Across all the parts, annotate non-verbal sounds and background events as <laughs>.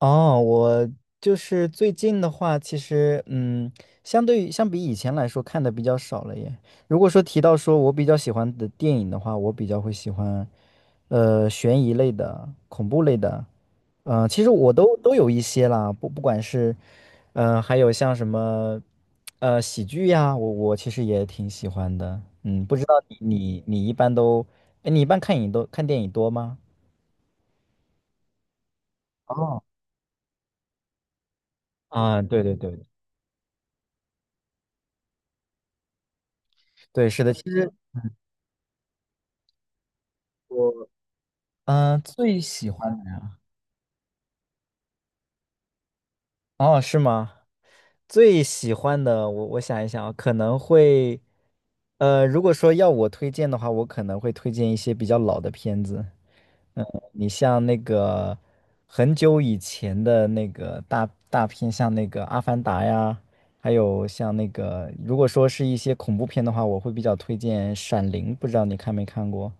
哦，我就是最近的话，其实相对于相比以前来说，看的比较少了耶。如果说提到说我比较喜欢的电影的话，我比较会喜欢，悬疑类的、恐怖类的，其实我都有一些啦，不管是，还有像什么，喜剧呀，我其实也挺喜欢的。嗯，不知道你一般都，哎，你一般看影都看电影多吗？哦，啊，对对对对，是的，其实我最喜欢的，哦，是吗？最喜欢的，我想一想啊，可能会，如果说要我推荐的话，我可能会推荐一些比较老的片子。嗯，你像那个很久以前的那个大片，像那个《阿凡达》呀，还有像那个，如果说是一些恐怖片的话，我会比较推荐《闪灵》，不知道你看没看过？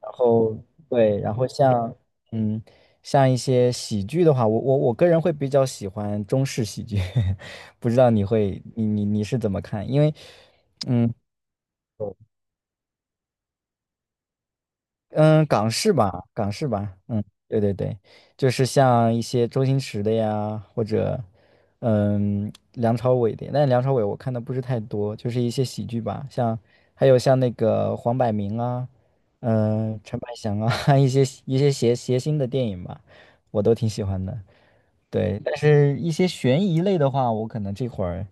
然后对，嗯，像一些喜剧的话，我个人会比较喜欢中式喜剧，<laughs> 不知道你会你你你是怎么看？因为嗯。嗯，港式吧，港式吧，嗯，对对对，就是像一些周星驰的呀，或者梁朝伟的，但梁朝伟我看的不是太多，就是一些喜剧吧，还有像那个黄百鸣啊，陈百祥啊，<laughs> 一些谐星的电影吧，我都挺喜欢的。对，但是一些悬疑类的话，我可能这会儿，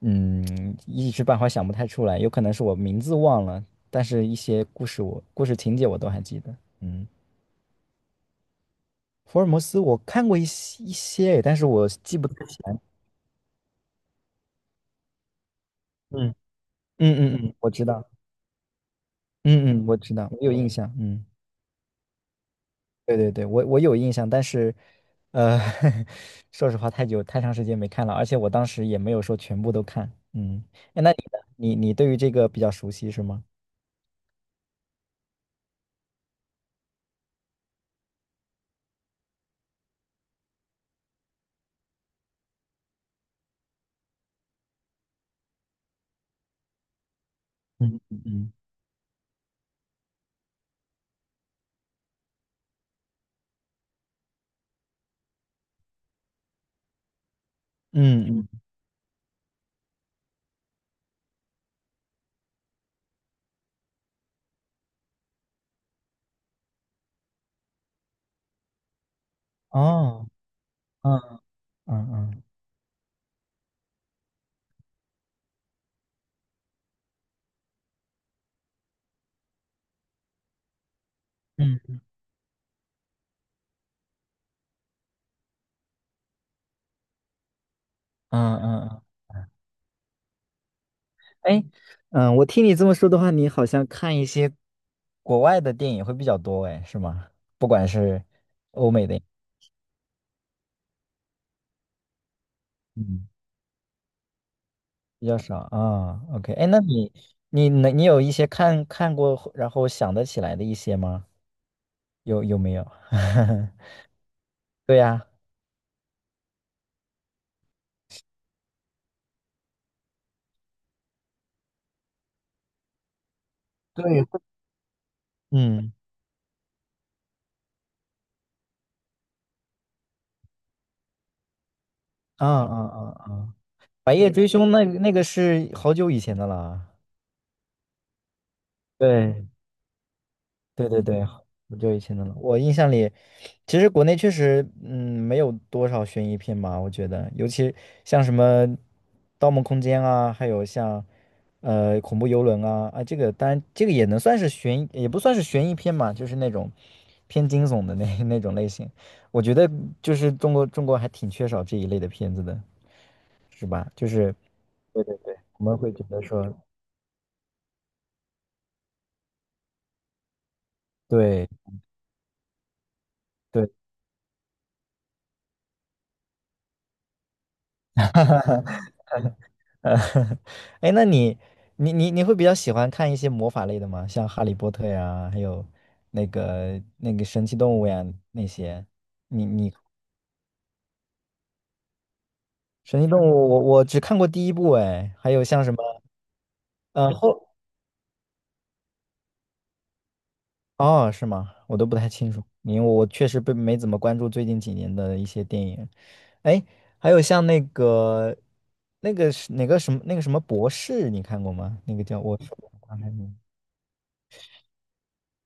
嗯，一时半会儿想不太出来，有可能是我名字忘了，但是一些故事我故事情节我都还记得。嗯，福尔摩斯我看过一些，但是我记不太起来。嗯嗯嗯嗯，我知道，嗯嗯，我知道，我有印象。嗯，对对对，我有印象，但是，呃，<laughs> 说实话，太长时间没看了，而且我当时也没有说全部都看。嗯，哎那你呢？你对于这个比较熟悉是吗？嗯嗯嗯嗯。嗯哦。嗯嗯嗯嗯嗯嗯嗯。哎，我听你这么说的话，你好像看一些国外的电影会比较多，哎，是吗？不管是欧美的，嗯，比较少啊。哦， OK，哎，那你有一些看过，然后想得起来的一些吗？有没有？<laughs> 对呀，对，嗯，啊啊啊啊，哦，《白夜追凶》那个是好久以前的了，对对对对，很久以前的了。我印象里，其实国内确实，没有多少悬疑片吧，我觉得，尤其像什么《盗梦空间》啊，还有像《恐怖游轮》啊，啊，这个当然这个也能算是悬疑也不算是悬疑片嘛，就是那种偏惊悚的<laughs> 那种类型。我觉得就是中国还挺缺少这一类的片子的，是吧？就是对对对，我们会觉得说，对对。<laughs> 呃，<laughs> 哎，那你会比较喜欢看一些魔法类的吗？像《哈利波特》呀，还有那个神奇动物呀那些。你你神奇动物我只看过第一部哎，还有像什么呃后哦，是吗？我都不太清楚，因为我确实被没怎么关注最近几年的一些电影。哎，还有像那个是哪个什么那个什么博士，你看过吗？那个叫我没。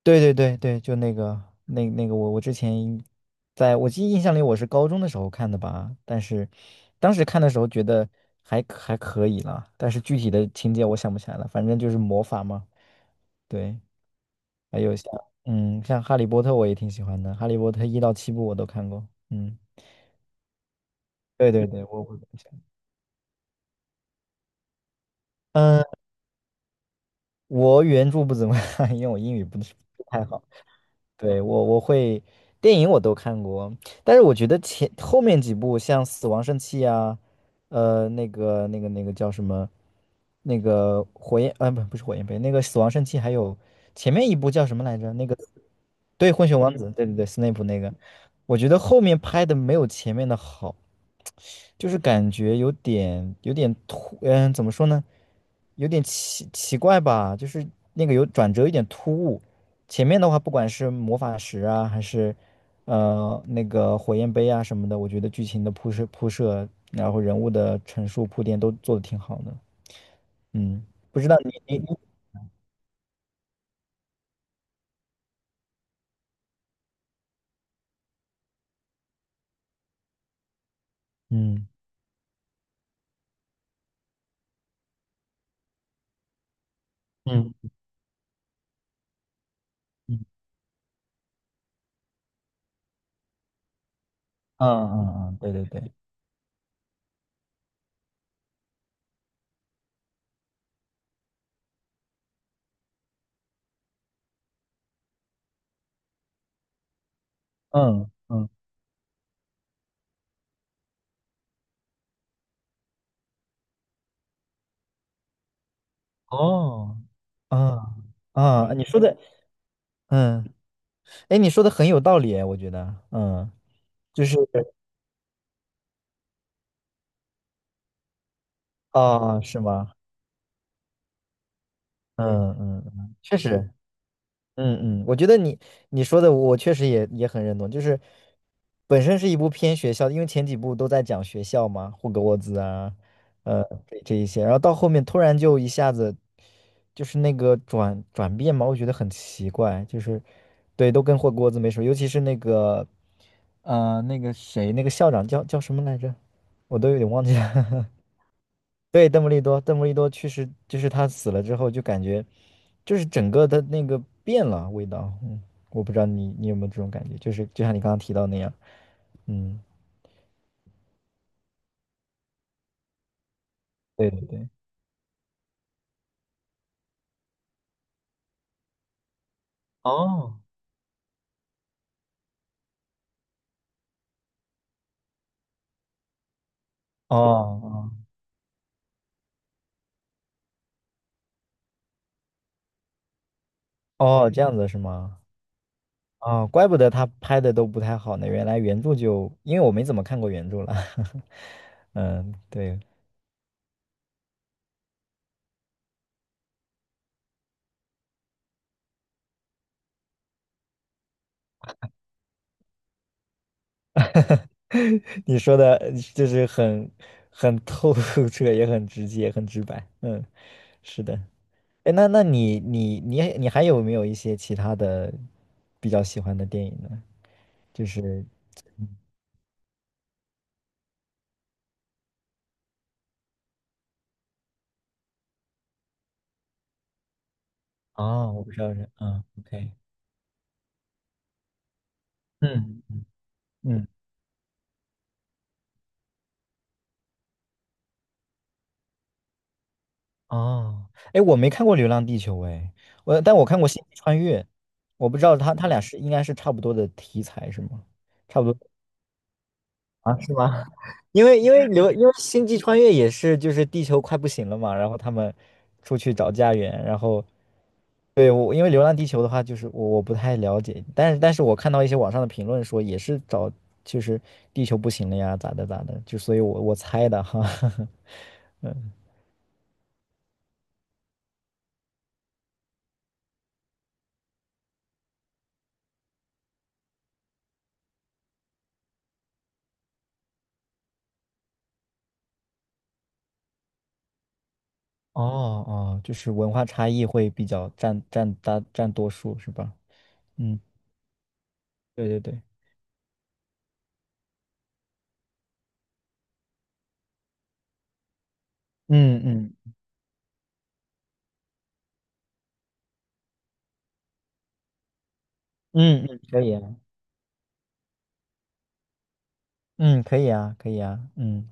对对对对，就那个那个我之前在我记忆印象里我是高中的时候看的吧，但是当时看的时候觉得还可以啦，但是具体的情节我想不起来了，反正就是魔法嘛，对，还有像哈利波特我也挺喜欢的，哈利波特一到七部我都看过，嗯，对对对，嗯，呃我原著不怎么看，因为我英语不是不太好。对，我会电影我都看过，但是我觉得后面几部像《死亡圣器》啊，那个叫什么，那个火焰，不是火焰杯，那个《死亡圣器》，还有前面一部叫什么来着？那个对，混血王子，对对对，斯内普那个，我觉得后面拍的没有前面的好。就是感觉有点突，怎么说呢？有点奇怪吧，就是那个有转折，有点突兀。前面的话，不管是魔法石啊，还是那个火焰杯啊什么的，我觉得剧情的铺设，然后人物的陈述铺垫都做的挺好的。嗯，不知道你嗯嗯嗯嗯嗯嗯，对对对，嗯嗯哦，啊啊，你说的嗯。哎，你说的很有道理哎，我觉得，嗯，就是啊，是吗？嗯嗯，嗯确实，嗯嗯，我觉得你说的，我确实也很认同，就是本身是一部偏学校，因为前几部都在讲学校嘛，霍格沃兹啊，这一些，然后到后面突然就一下子就是那个转变嘛，我觉得很奇怪，就是对，都跟霍格沃兹没什么，尤其是那个谁，那个校长叫什么来着，我都有点忘记了。<laughs> 对，邓布利多，邓布利多去世，就是他死了之后，就感觉，就是整个的那个变了味道。嗯，我不知道你有没有这种感觉，就是就像你刚刚提到那样。嗯，对对对。哦，哦哦，这样子是吗？哦，怪不得他拍的都不太好呢。原来原著就，因为我没怎么看过原著了。<laughs> 嗯，对，<laughs> 你说的就是很透彻，也很直接，很直白。嗯，是的。哎，那你还有没有一些其他的比较喜欢的电影呢？就是哦，我不知道是啊 o k 嗯嗯哦，哎，我没看过《流浪地球》哎，但我看过《星际穿越》，我不知道它俩应该是差不多的题材是吗？差不多啊，是吗？<laughs> 因为星际穿越也是就是地球快不行了嘛，然后他们出去找家园，然后对，我因为流浪地球的话，就是我不太了解，但是我看到一些网上的评论说也是就是地球不行了呀，咋的咋的，所以我猜的哈，<laughs> 哦哦，就是文化差异会比较占多数是吧？嗯，对对对，嗯嗯嗯嗯，可以啊，嗯可以啊可以啊，嗯。